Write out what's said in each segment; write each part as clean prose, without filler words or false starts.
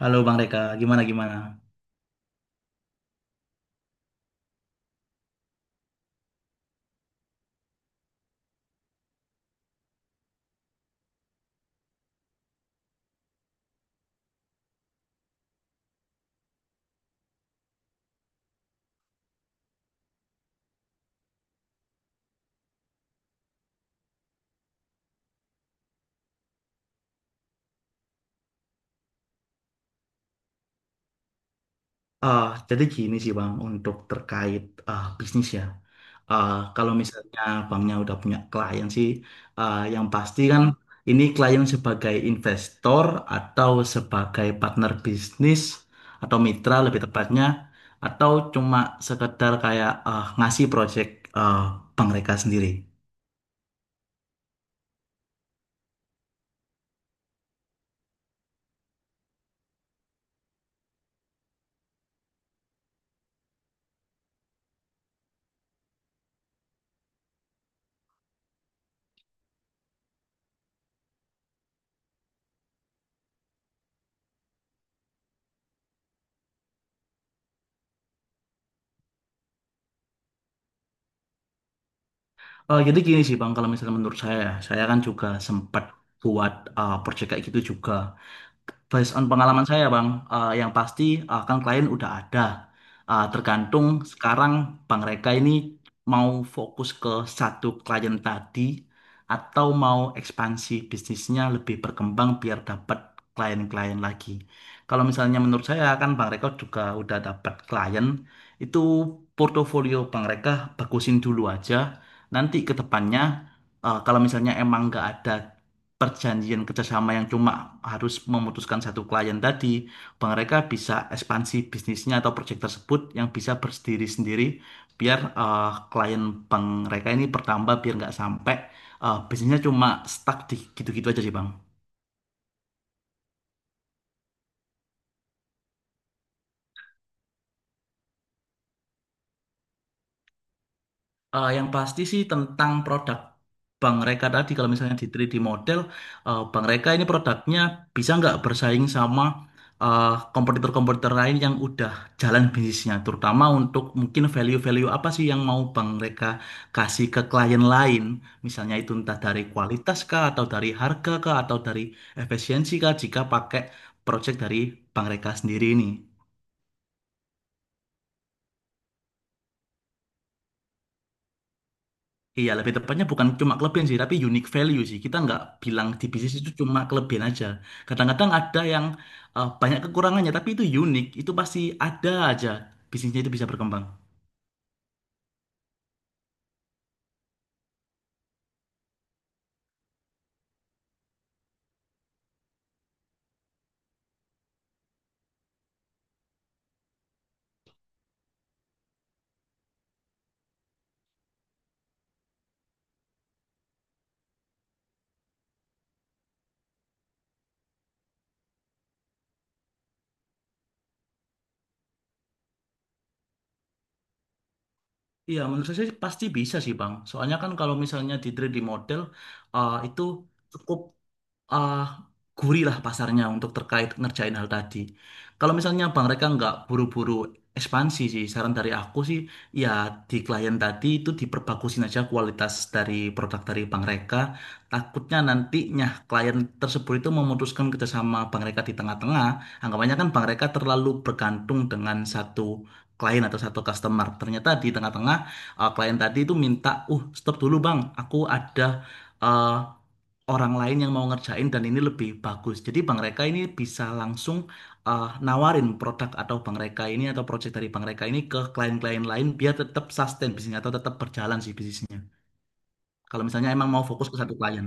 Halo Bang Reka, gimana gimana? Ah, jadi gini sih Bang, untuk terkait bisnis ya. Kalau misalnya Bangnya udah punya klien sih, yang pasti kan ini klien sebagai investor atau sebagai partner bisnis atau mitra lebih tepatnya, atau cuma sekedar kayak ngasih project ah, Bang Reka sendiri. Jadi gini sih Bang, kalau misalnya menurut saya, ya, saya kan juga sempat buat project kayak gitu juga. Based on pengalaman saya, Bang, yang pasti kan klien udah ada. Tergantung sekarang Bang Reka ini mau fokus ke satu klien tadi atau mau ekspansi bisnisnya lebih berkembang biar dapat klien-klien lagi. Kalau misalnya menurut saya kan Bang Reka juga udah dapat klien, itu portofolio Bang Reka bagusin dulu aja. Nanti ke depannya kalau misalnya emang nggak ada perjanjian kerjasama yang cuma harus memutuskan satu klien tadi, mereka bisa ekspansi bisnisnya atau proyek tersebut yang bisa berdiri sendiri biar klien bank mereka ini bertambah biar nggak sampai bisnisnya cuma stuck di gitu-gitu aja sih bang. Yang pasti sih tentang produk Bang Reka tadi, kalau misalnya di 3D model, Bang Reka ini produknya bisa nggak bersaing sama eh, kompetitor-kompetitor lain yang udah jalan bisnisnya, terutama untuk mungkin value-value apa sih yang mau Bang Reka kasih ke klien lain, misalnya itu entah dari kualitas kah, atau dari harga kah, atau dari efisiensi kah, jika pakai project dari Bang Reka sendiri ini. Iya, lebih tepatnya bukan cuma kelebihan sih, tapi unique value sih. Kita nggak bilang di bisnis itu cuma kelebihan aja. Kadang-kadang ada yang banyak kekurangannya, tapi itu unik. Itu pasti ada aja bisnisnya itu bisa berkembang. Iya, menurut saya sih pasti bisa sih, Bang. Soalnya kan kalau misalnya di 3D model, itu cukup ah, gurih lah pasarnya untuk terkait ngerjain hal tadi. Kalau misalnya Bang mereka nggak buru-buru ekspansi sih, saran dari aku sih ya di klien tadi itu diperbagusin aja kualitas dari produk dari Bang mereka. Takutnya nantinya klien tersebut itu memutuskan kerjasama Bang mereka di tengah-tengah. Anggapannya kan Bang mereka terlalu bergantung dengan satu klien atau satu customer. Ternyata di tengah-tengah klien tadi itu minta, stop dulu Bang, aku ada ah, orang lain yang mau ngerjain dan ini lebih bagus. Jadi Bang Reka ini bisa langsung nawarin produk atau Bang Reka ini atau project dari Bang Reka ini ke klien-klien lain biar tetap sustain bisnisnya atau tetap berjalan sih bisnisnya. Kalau misalnya emang mau fokus ke satu klien.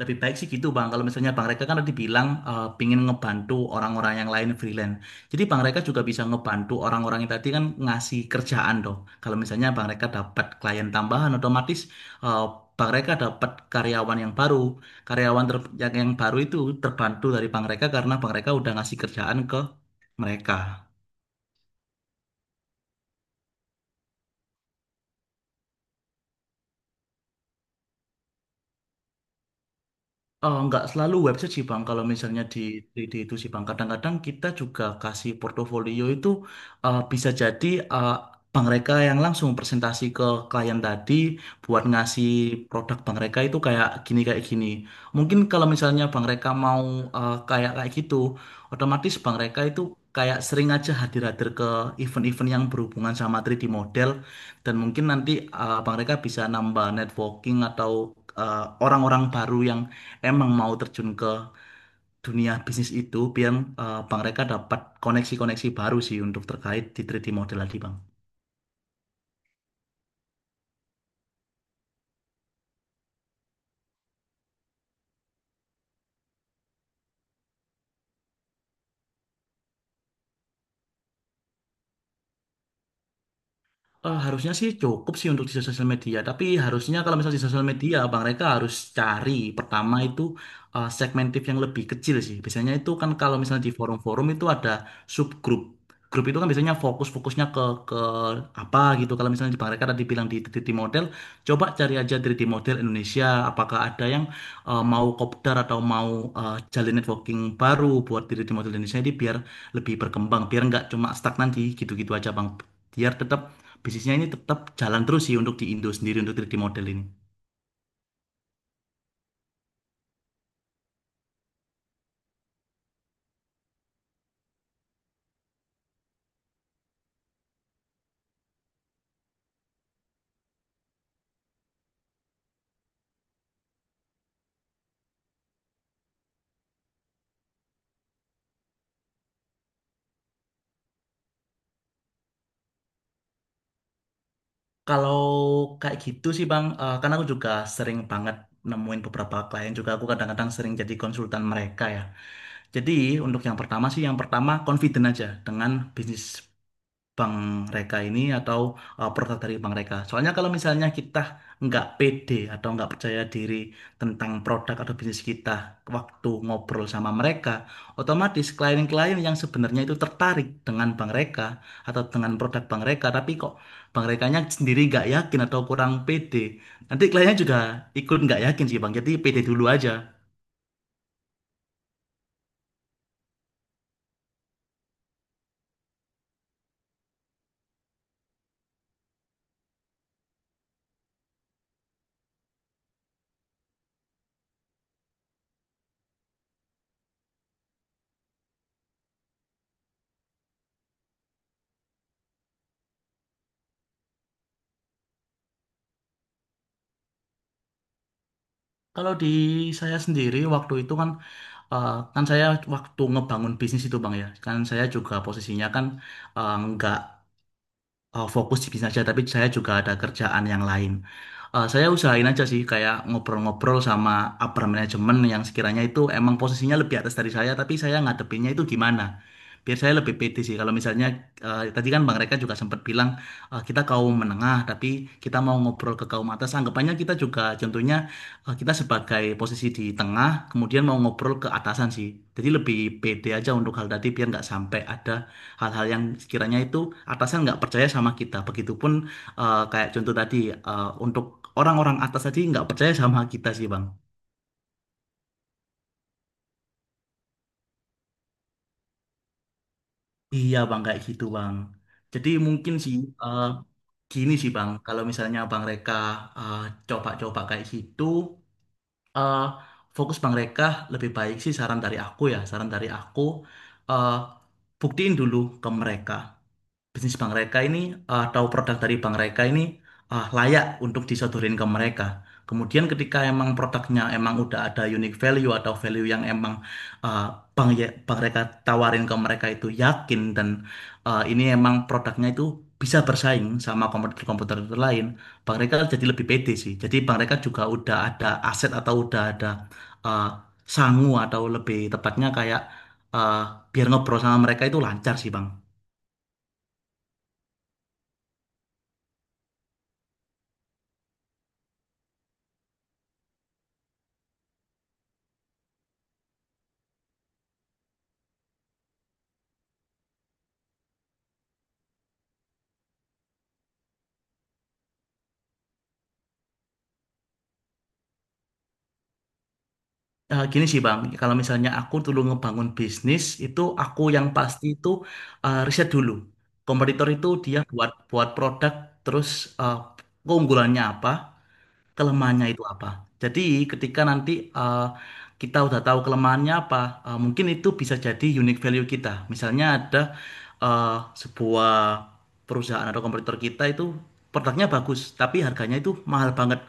Lebih baik sih gitu Bang, kalau misalnya Bang Reka kan tadi bilang pingin ngebantu orang-orang yang lain freelance. Jadi Bang Reka juga bisa ngebantu orang-orang yang tadi kan ngasih kerjaan dong. Kalau misalnya Bang Reka dapat klien tambahan, otomatis eh, Bang Reka dapat karyawan yang baru. Yang baru itu terbantu dari Bang Reka karena Bang Reka udah ngasih kerjaan ke mereka. Nggak selalu website sih Bang, kalau misalnya di itu sih Bang. Kadang-kadang kita juga kasih portofolio itu bisa jadi eh, bank mereka yang langsung presentasi ke klien tadi buat ngasih produk bang mereka itu kayak gini kayak gini. Mungkin kalau misalnya bang mereka mau kayak kayak gitu, otomatis bang mereka itu kayak sering aja hadir-hadir ke event-event yang berhubungan sama 3D model dan mungkin nanti bank mereka bisa nambah networking atau orang-orang baru yang emang mau terjun ke dunia bisnis itu biar Bang Reka dapat koneksi-koneksi baru sih untuk terkait di 3D model tadi Bang. Harusnya sih cukup sih untuk di sosial media, tapi harusnya kalau misalnya di sosial media, Bang Reka harus cari pertama itu segmentif yang lebih kecil sih. Biasanya itu kan kalau misalnya di forum-forum itu ada subgroup. Grup itu kan biasanya fokus-fokusnya ke apa gitu. Kalau misalnya di Bang Reka tadi bilang di 3D model, coba cari aja 3D model Indonesia. Apakah ada yang mau kopdar atau mau jalin networking baru buat 3D model Indonesia ini biar lebih berkembang, biar nggak cuma stagnan di gitu-gitu aja, Bang. Biar tetap bisnisnya ini tetap jalan terus sih untuk di Indo sendiri untuk 3D model ini. Kalau kayak gitu sih Bang, karena aku juga sering banget nemuin beberapa klien juga aku kadang-kadang sering jadi konsultan mereka ya. Jadi untuk yang pertama confident aja dengan bisnis bank mereka ini atau produk dari bank mereka. Soalnya kalau misalnya kita nggak pede atau nggak percaya diri tentang produk atau bisnis kita waktu ngobrol sama mereka, otomatis klien-klien yang sebenarnya itu tertarik dengan bank mereka atau dengan produk bank mereka, tapi kok bank merekanya sendiri nggak yakin atau kurang pede, nanti kliennya juga ikut nggak yakin sih bang. Jadi pede dulu aja. Kalau di saya sendiri waktu itu kan Eh, kan saya waktu ngebangun bisnis itu Bang ya, kan saya juga posisinya kan eh, nggak eh, fokus di bisnis aja, tapi saya juga ada kerjaan yang lain. Saya usahain aja sih kayak ngobrol-ngobrol sama upper management yang sekiranya itu emang posisinya lebih atas dari saya tapi saya ngadepinnya itu gimana biar saya lebih pede sih kalau misalnya tadi kan Bang Reka juga sempat bilang kita kaum menengah tapi kita mau ngobrol ke kaum atas anggapannya kita juga contohnya kita sebagai posisi di tengah kemudian mau ngobrol ke atasan sih jadi lebih pede aja untuk hal tadi biar nggak sampai ada hal-hal yang sekiranya itu atasan nggak percaya sama kita begitupun kayak contoh tadi, untuk orang-orang atas tadi nggak percaya sama kita sih, Bang. Iya, Bang, kayak gitu, Bang. Jadi mungkin sih eh, gini sih, Bang, kalau misalnya Bang Reka eh, coba-coba kayak gitu, eh, fokus Bang Reka lebih baik sih saran dari aku ya, saran dari aku, eh, buktiin dulu ke mereka. Bisnis bank mereka ini atau produk dari bank mereka ini layak untuk disodorin ke mereka. Kemudian ketika emang produknya emang udah ada unique value atau value yang emang eh, bank mereka tawarin ke mereka itu yakin dan ini emang produknya itu bisa bersaing sama komputer-komputer itu lain, bank mereka jadi lebih pede sih. Jadi bank mereka juga udah ada aset atau udah ada eh, sangu atau lebih tepatnya kayak eh, biar ngobrol sama mereka itu lancar sih, Bang. Gini sih Bang, kalau misalnya aku dulu ngebangun bisnis itu aku yang pasti itu riset dulu. Kompetitor itu dia buat buat produk terus eh, keunggulannya apa, kelemahannya itu apa. Jadi ketika nanti kita udah tahu kelemahannya apa, mungkin itu bisa jadi unique value kita. Misalnya ada sebuah perusahaan atau kompetitor kita itu produknya bagus, tapi harganya itu mahal banget.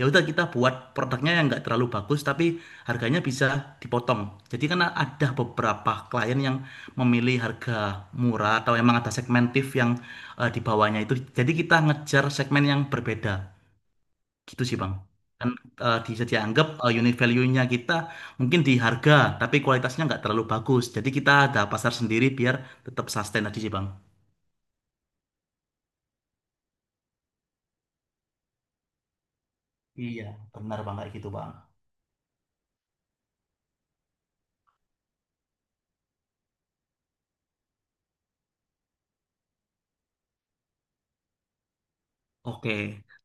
Ya udah kita buat produknya yang nggak terlalu bagus, tapi harganya bisa dipotong. Jadi karena ada beberapa klien yang memilih harga murah atau emang ada segmentif yang di bawahnya itu. Jadi kita ngejar segmen yang berbeda. Gitu sih Bang. Kan bisa dianggap unit value-nya kita mungkin di harga, tapi kualitasnya nggak terlalu bagus. Jadi kita ada pasar sendiri biar tetap sustain tadi sih Bang. Iya, benar Bang kayak gitu Bang. Oke,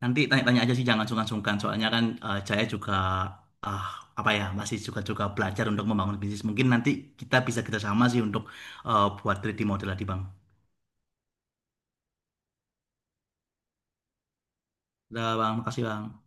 nanti tanya-tanya aja sih jangan sungkan-sungkan. Soalnya kan Jaya juga ah apa ya masih juga juga belajar untuk membangun bisnis. Mungkin nanti kita bisa kerjasama sih untuk buat 3D model tadi Bang. Udah Bang, makasih Bang.